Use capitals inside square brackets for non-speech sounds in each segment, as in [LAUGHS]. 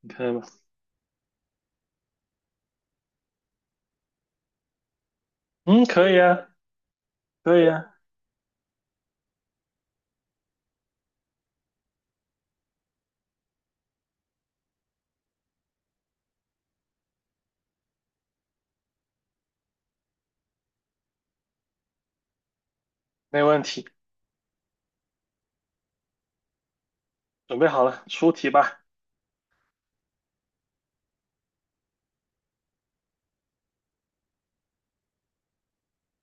你可以吗？嗯，可以啊，可以啊，没问题。准备好了，出题吧。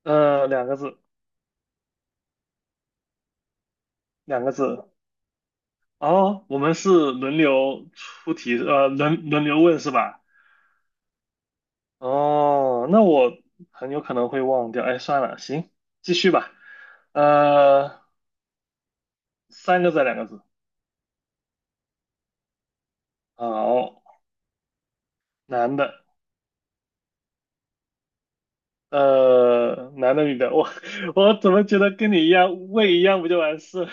两个字，两个字。哦，我们是轮流出题，轮流问是吧？哦，那我很有可能会忘掉。哎，算了，行，继续吧。呃，三个字，两个字。好，男的，男的，女的。我 [LAUGHS] 我怎么觉得跟你一样，问一样不就完事了？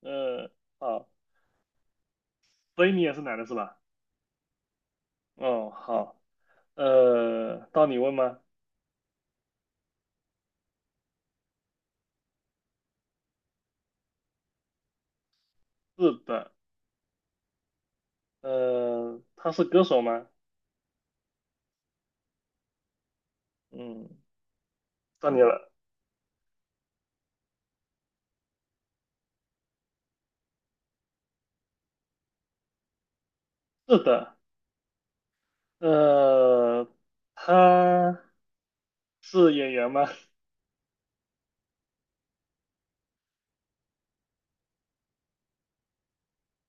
呃，好，所以你也是男的是吧？哦，好。到你问吗？是的，他是歌手吗？嗯，到你了。是的，呃，他是演员吗？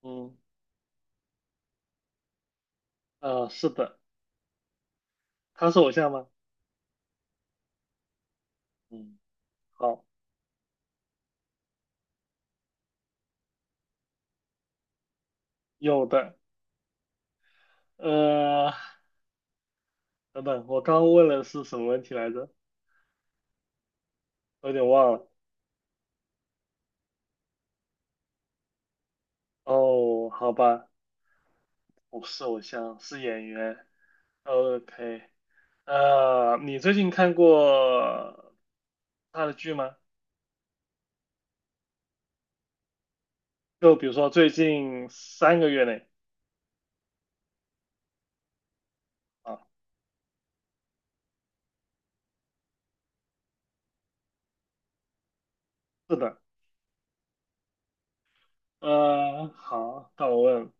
嗯，是的，他是偶像吗？嗯，好，有的。呃，等等，我刚问了是什么问题来着？有点忘了。哦，好吧，不是偶像，是演员。OK，你最近看过他的剧吗？就比如说最近三个月内啊，是的，好，到我问，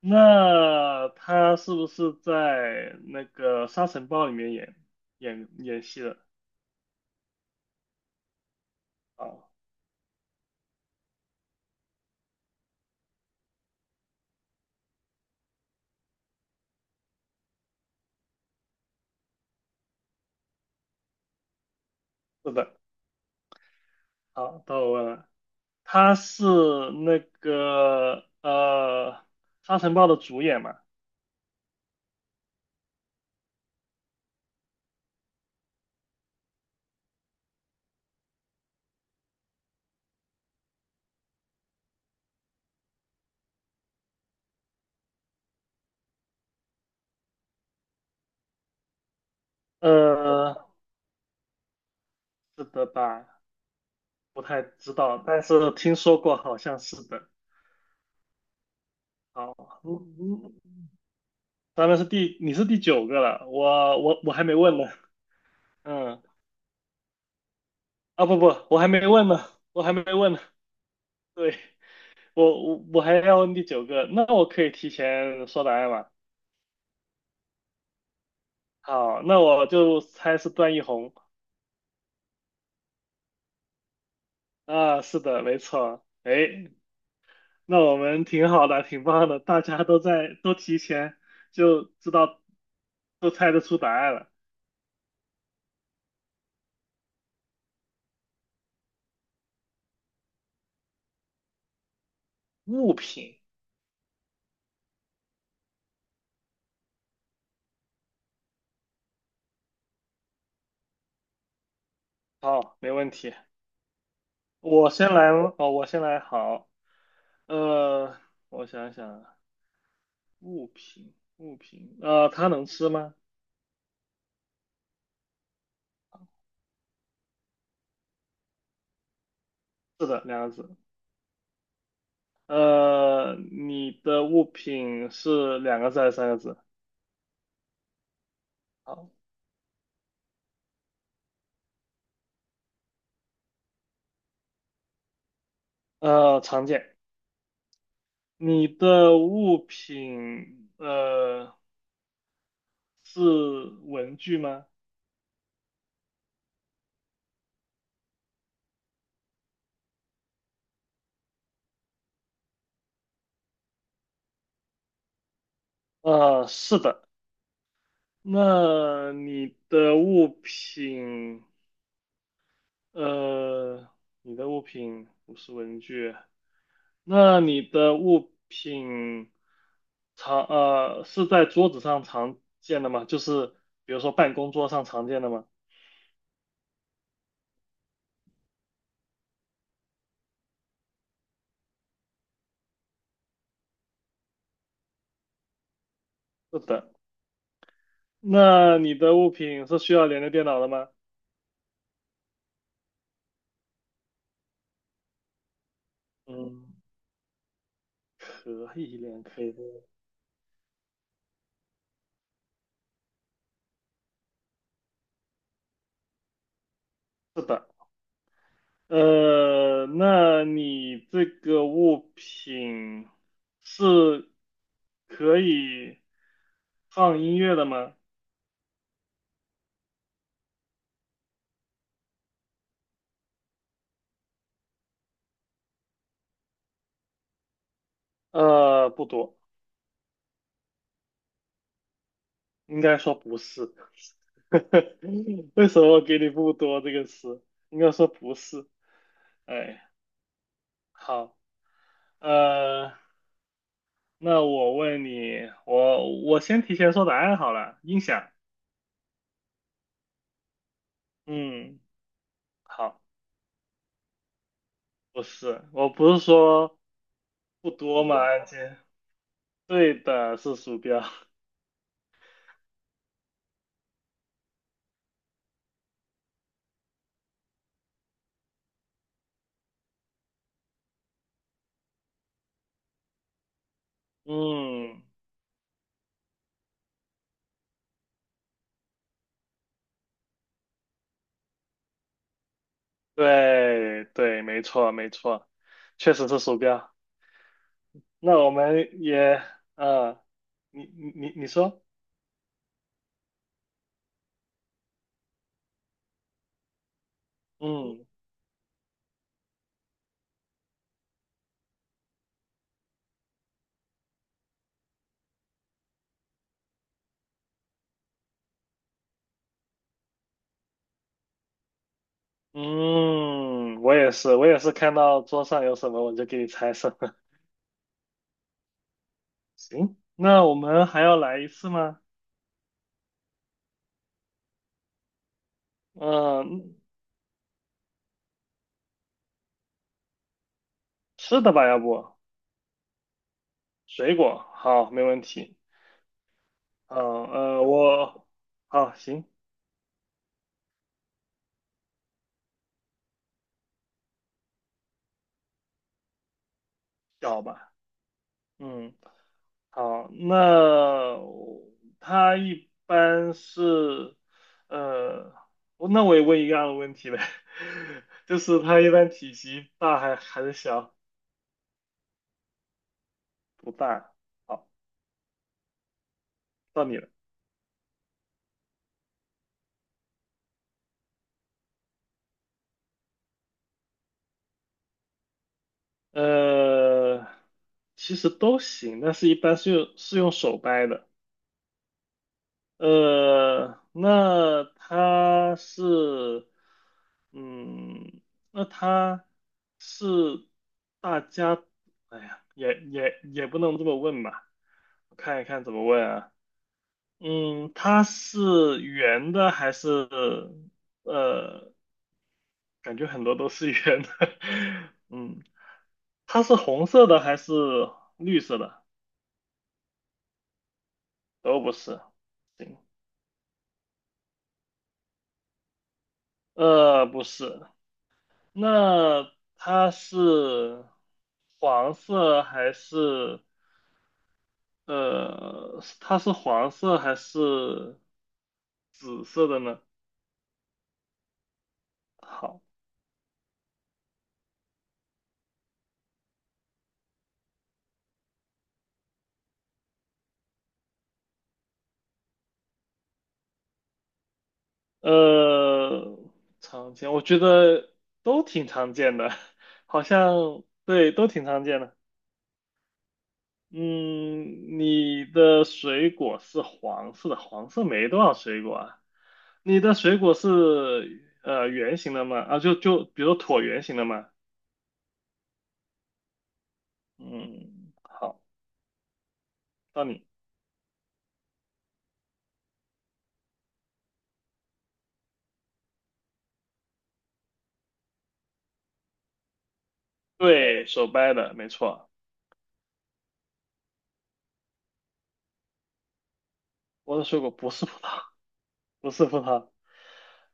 那他是不是在那个《沙尘暴》里面演戏的？啊，是的，好，到我问了，他是那个《沙尘暴》的主演嘛？呃，是的吧？不太知道，但是听说过，好像是的。好，嗯嗯，咱们是第，你是第九个了，我还没问呢。嗯，啊不不，我还没问呢，我还没问呢。对，我还要问第九个，那我可以提前说答案吗？好，那我就猜是段奕宏啊，是的，没错。哎，那我们挺好的，挺棒的，大家都在都提前就知道，都猜得出答案了。物品，好，没问题。我先来吗，哦，我先来，好，呃，我想想啊物品，物品，它能吃吗？是的，两个字。你的物品是两个字还是三个字？好，常见。你的物品是文具吗？是的。那你的物品呃，你的物品不是文具，那你的物品常是在桌子上常见的吗？就是比如说办公桌上常见的吗？是的，那你的物品是需要连着电脑的吗？嗯，可以连，可以连。是的，那你这个物品是可以放音乐的吗？不多，应该说不是。[LAUGHS] 为什么给你"不多"这个词？应该说不是。哎，好，呃，那我问你，我先提前说答案好了，音响。嗯，好，不是，我不是说不多嘛，按键，对的，是鼠标。[LAUGHS] 嗯，对对，没错没错，确实是鼠标。那我们也，呃，你说，嗯嗯，我也是，我也是看到桌上有什么我就给你猜什么。[LAUGHS] 行，那我们还要来一次吗？嗯，吃的吧，要不水果，好，没问题。我好行，小吧，嗯，好，那他一般是呃，我那我也问一样的问题呗，[LAUGHS] 就是他一般体积大还是小？不大。好，到你了。呃，其实都行，但是一般是用手掰的。那他是，嗯，那他是大家，哎呀，也不能这么问吧，我看一看怎么问啊，嗯，它是圆的还是，呃，感觉很多都是圆的，[LAUGHS] 嗯，它是红色的还是绿色的？都不是，行，不是。那它是黄色还是呃，它是黄色还是紫色的呢？好，呃，常见，我觉得都挺常见的，[LAUGHS] 好像对，都挺常见的。嗯，你的水果是黄色的，黄色没多少水果啊。你的水果是圆形的吗？啊，就比如说椭圆形的吗？嗯，好，到你。对，手掰的，没错。我的水果不是葡萄，不是葡萄。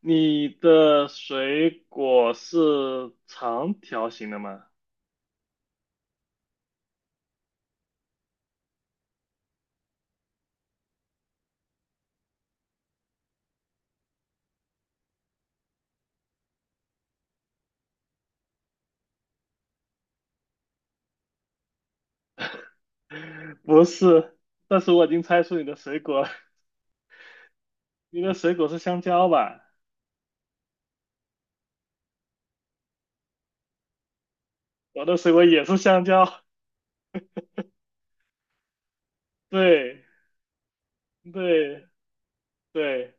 你的水果是长条形的吗？不是，但是我已经猜出你的水果了，[LAUGHS] 你的水果是香蕉吧？我的水果也是香蕉。对，对，对。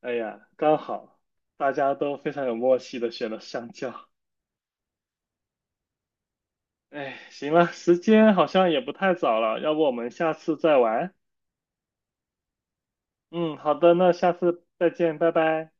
哎呀，刚好，大家都非常有默契的选了香蕉。哎，行了，时间好像也不太早了，要不我们下次再玩？嗯，好的，那下次再见，拜拜。